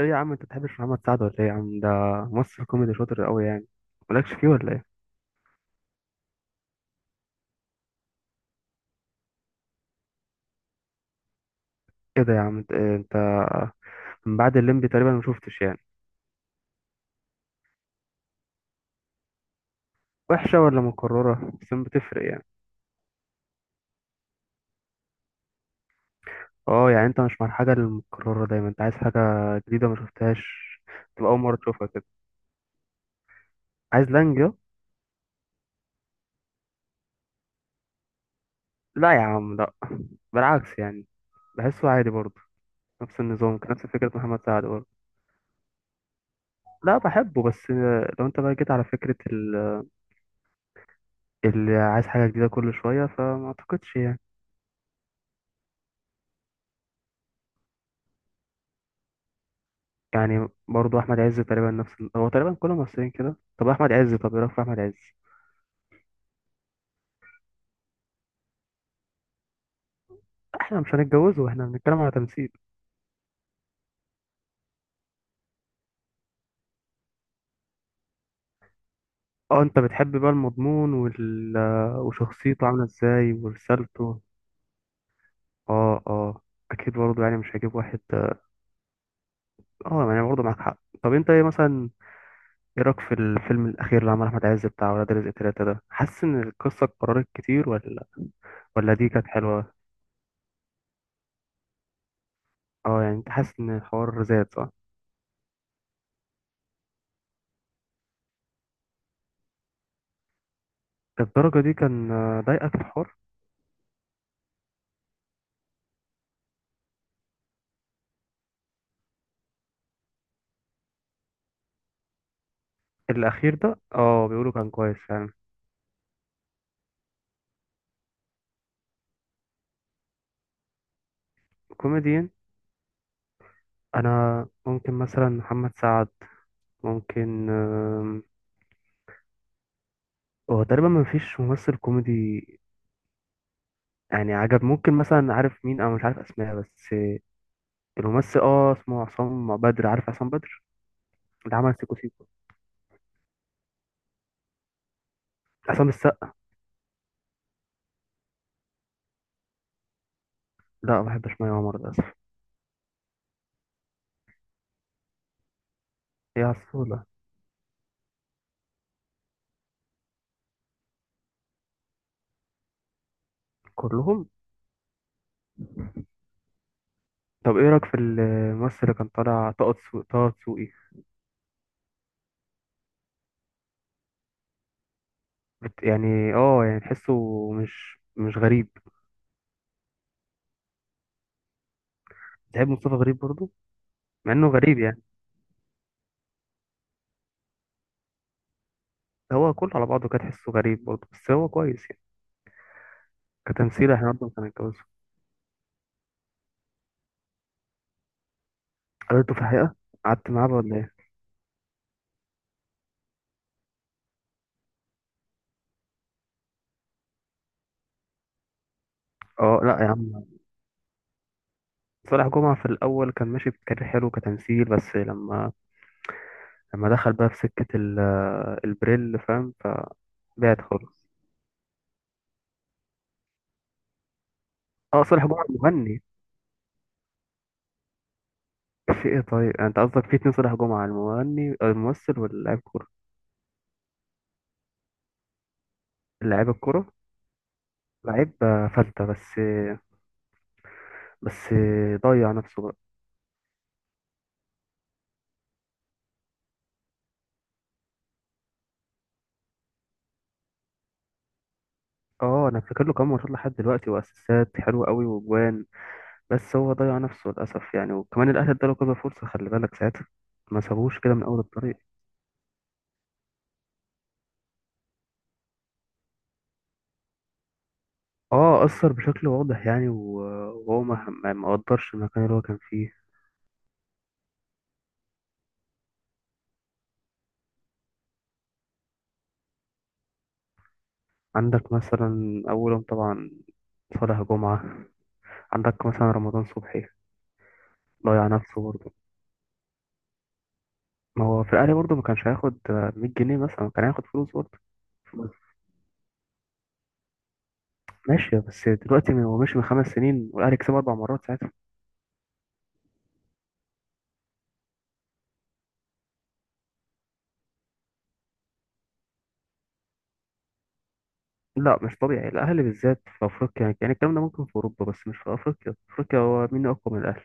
ايه يا عم، انت بتحبش محمد سعد ولا ايه يا عم؟ ده ممثل كوميدي شاطر قوي يعني. مالكش فيه ولا ايه؟ ايه ده يا عم؟ انت إيه؟ انت من بعد الليمبي تقريبا ما شفتش يعني. وحشه ولا مكرره، بس ما بتفرق يعني. اه، يعني انت مش مع الحاجه المكرره دايما؟ انت عايز حاجه جديده ما شفتهاش تبقى اول مره تشوفها كده؟ عايز لانجا. لا يا عم، لا. بالعكس يعني. بحسه عادي برضه، نفس النظام، نفس فكره محمد سعد برضه. لا، بحبه بس. لو انت بقى جيت على فكره اللي عايز حاجه جديده كل شويه، فما اعتقدش يعني. يعني برضه احمد عز تقريبا نفس هو تقريبا كل الممثلين كده. طب احمد عز، طب ايه رايك في احمد عز؟ احنا مش هنتجوزه، احنا بنتكلم على تمثيل. اه، انت بتحب بقى المضمون وشخصيته عامله ازاي ورسالته. اه، اه، اكيد برضه يعني مش هجيب واحد. اه يعني برضه معاك حق. طب انت ايه مثلا؟ ايه رايك في الفيلم الاخير اللي عمل احمد عز بتاع ولاد رزق 3 ده؟ حاسس ان القصه اتكررت كتير، ولا؟ ولا دي كانت حلوه؟ اه، يعني انت حاسس ان الحوار زاد، صح؟ الدرجه دي كان، ضايقك الحوار؟ الأخير ده، بيقولوا كان كويس فعلا. كوميديان. أنا ممكن مثلا محمد سعد، ممكن. هو تقريبا ما فيش ممثل كوميدي يعني عجب. ممكن مثلا، عارف مين؟ أنا مش عارف أسماء بس. الممثل، اسمه عصام بدر، عارف عصام بدر، اللي عمل سيكو سيكو. عصام السقا. لا، ما بحبش مي عمر للأسف. هي عسولة. كلهم. طب ايه رأيك في الممثل اللي كان طالع، طه دسوقي؟ يعني، يعني تحسه مش غريب. تحب مصطفى غريب برضه؟ مع انه غريب يعني، هو كله على بعضه كان تحسه غريب برضه، بس هو كويس يعني كتمثيل. احنا برضه كان يتجوزه. قابلته في الحقيقة؟ قعدت معاه بقى ولا ايه؟ اه. لا يا عم. صالح جمعة في الأول كان ماشي بكارير حلو كتمثيل، بس لما دخل بقى في سكة البريل، فاهم؟ فبعد خالص. اه، صالح جمعة المغني. في ايه؟ طيب، انت قصدك في اتنين صالح جمعة، المغني الممثل واللاعب كورة؟ اللاعب الكورة. لعيب فلتة بس. بس ضيع نفسه بقى. اه، انا فاكر له كام ماتش لحد دلوقتي، واسيستات حلوه قوي، واجوان. بس هو ضيع نفسه للأسف يعني، وكمان الأهلي اداله كذا فرصة، خلي بالك ساعتها ما سابوش كده من أول الطريق. اه، أثر بشكل واضح يعني، وهو ما قدرش المكان اللي هو كان فيه. عندك مثلا أولهم طبعا صالح جمعة، عندك مثلا رمضان صبحي. ضيع نفسه برضه. ما هو في الأهلي برضه ما كانش هياخد 100 جنيه مثلا، كان هياخد فلوس برضه. بس ماشي، بس دلوقتي هو ماشي من 5 سنين والأهلي كسب 4 مرات ساعتها. لا، مش طبيعي، الاهلي بالذات في افريقيا يعني. الكلام ده ممكن في اوروبا، بس مش في افريقيا. في افريقيا هو مين اقوى من الاهلي؟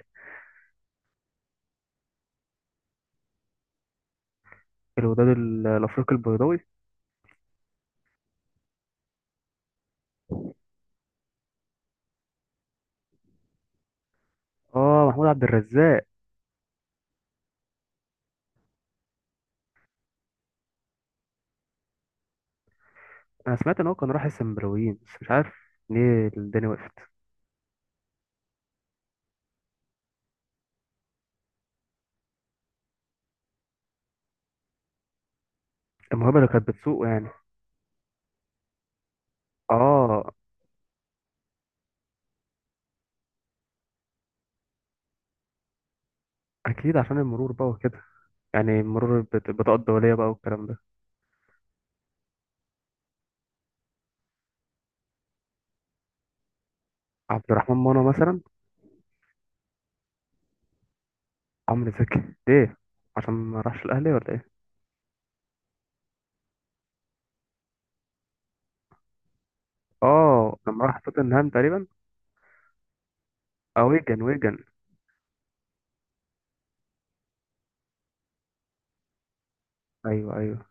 الوداد الافريقي البيضاوي. اه، محمود عبد الرزاق. انا سمعت ان هو كان راح السنبلاويين، بس مش عارف ليه الدنيا وقفت. الموهبه اللي كانت بتسوقه يعني. اه. اكيد عشان المرور بقى وكده. يعني المرور بطاقه الدوليه بقى، والكلام ده. عبد الرحمن منى مثلا. عمرو زكي. ليه؟ عشان ما راحش الاهلي ولا ايه؟ اه، لما راح توتنهام تقريبا. اه، ويجن، ويجن. ايوه، ايوه.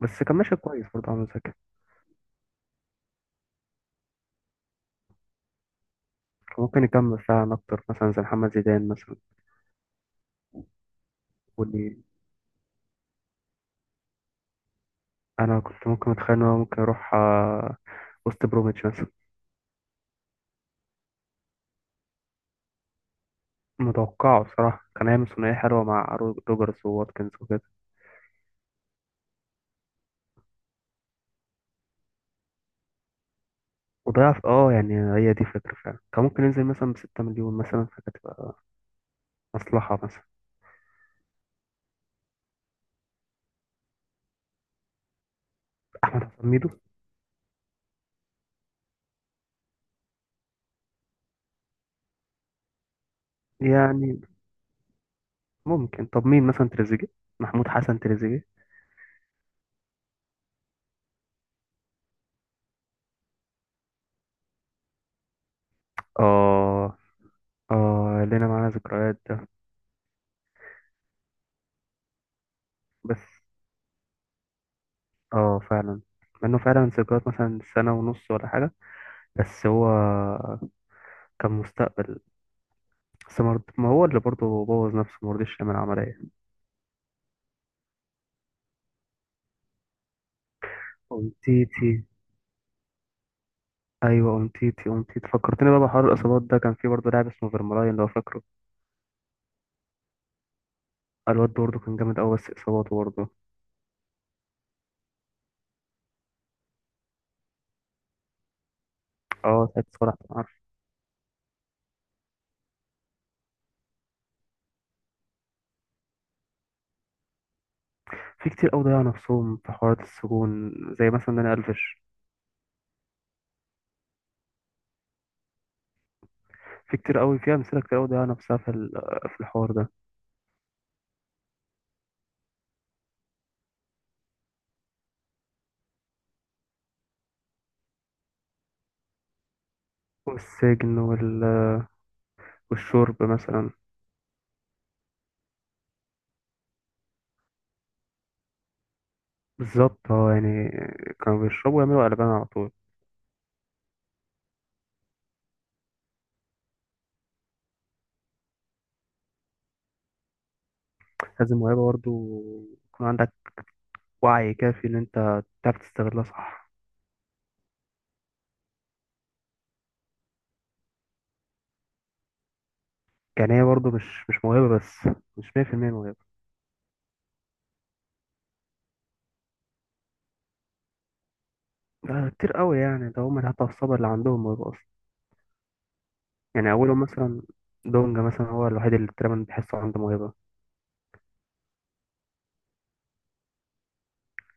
بس كان ماشي كويس برضه عمرو زكي. ممكن يكمل فعلا أكتر، مثلا زي محمد زيدان مثلا. يقول لي، أنا كنت ممكن أتخيل إن هو ممكن يروح، وست بروميتش مثلا. متوقعه بصراحة كان هيعمل ثنائية حلوة مع روجرز وواتكنز وكده. وضيع في يعني هي دي فكرة فعلا، كان ممكن ينزل مثلا بـ6 مليون مثلا، فكانت تبقى مصلحة مثلا. أحمد حسن ميدو. يعني ممكن. طب مين مثلا، تريزيجيه؟ محمود حسن تريزيجيه. اه، اه، لنا معانا ذكريات ده. بس اه، فعلا. مع انه فعلا ذكريات مثلا سنة ونص ولا حاجة، بس هو كان مستقبل. بس ما هو اللي برضه بوظ نفسه، ما رضيش يعمل عملية. أونتيتي. أيوة، أونتيتي، أونتيتي. فكرتني بقى بحوار الإصابات ده. كان في برضه لاعب اسمه فيرمالاين، لو فاكره. الواد ده برضه كان جامد أوي، بس إصاباته برضه. أه، ساعة صلاح، كان عارف. في كتير أوي ضيعوا نفسهم في حوارات السجون، زي مثلا داني ألفيش. في كتير أوي، في أمثلة كتير أوي ضيعوا نفسها في في الحوار ده. والسجن والشرب مثلا. بالظبط. اه يعني كانوا بيشربوا ويعملوا قلبان على طول. لازم موهبة برضه، يكون عندك وعي كافي إن أنت تعرف تستغلها صح. يعني هي برضه مش موهبة بس، مش 100% موهبة. ده كتير قوي يعني، ده هم حتى الصبر اللي عندهم موهبة أصلا. يعني أولهم مثلا دونجا مثلا، هو الوحيد اللي تقريبا بحسه عنده موهبة.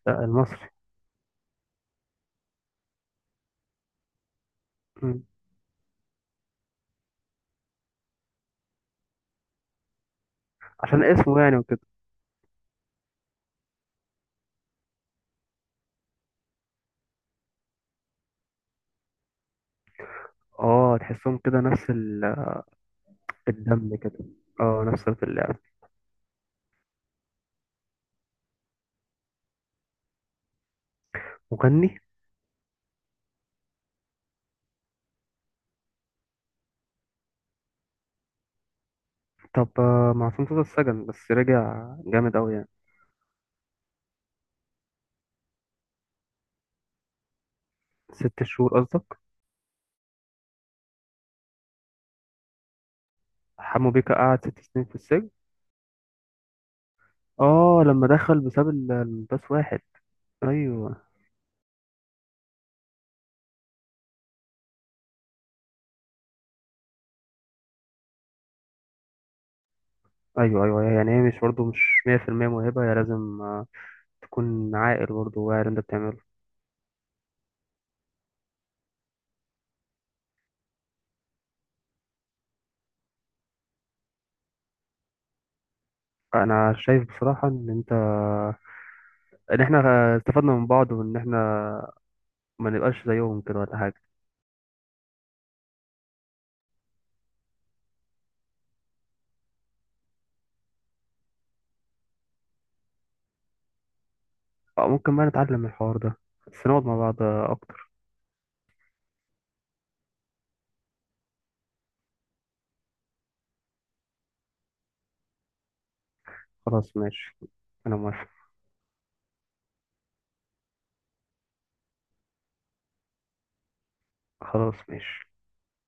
ده المصري. مم. عشان اسمه يعني وكده. اه، تحسهم كده نفس الدم كده. اه، نفس في اللعب. مغني. طب معصوم صوت السجن، بس رجع جامد أوي يعني. 6 شهور قصدك؟ حمو بيكا قعد 6 سنين في السجن؟ اه، لما دخل بسبب الباس واحد. ايوه، ايوه، ايوه، يعني هي مش برضه مش 100% موهبه، هي لازم تكون عاقل برضه، واعي انت بتعمله. انا شايف بصراحه ان احنا استفدنا من بعض، وان احنا ما نبقاش زيهم كده ولا حاجه. أو ممكن بقى نتعلم من الحوار ده، بس نقعد مع بعض اكتر. خلاص ماشي، انا موافق. خلاص ماشي.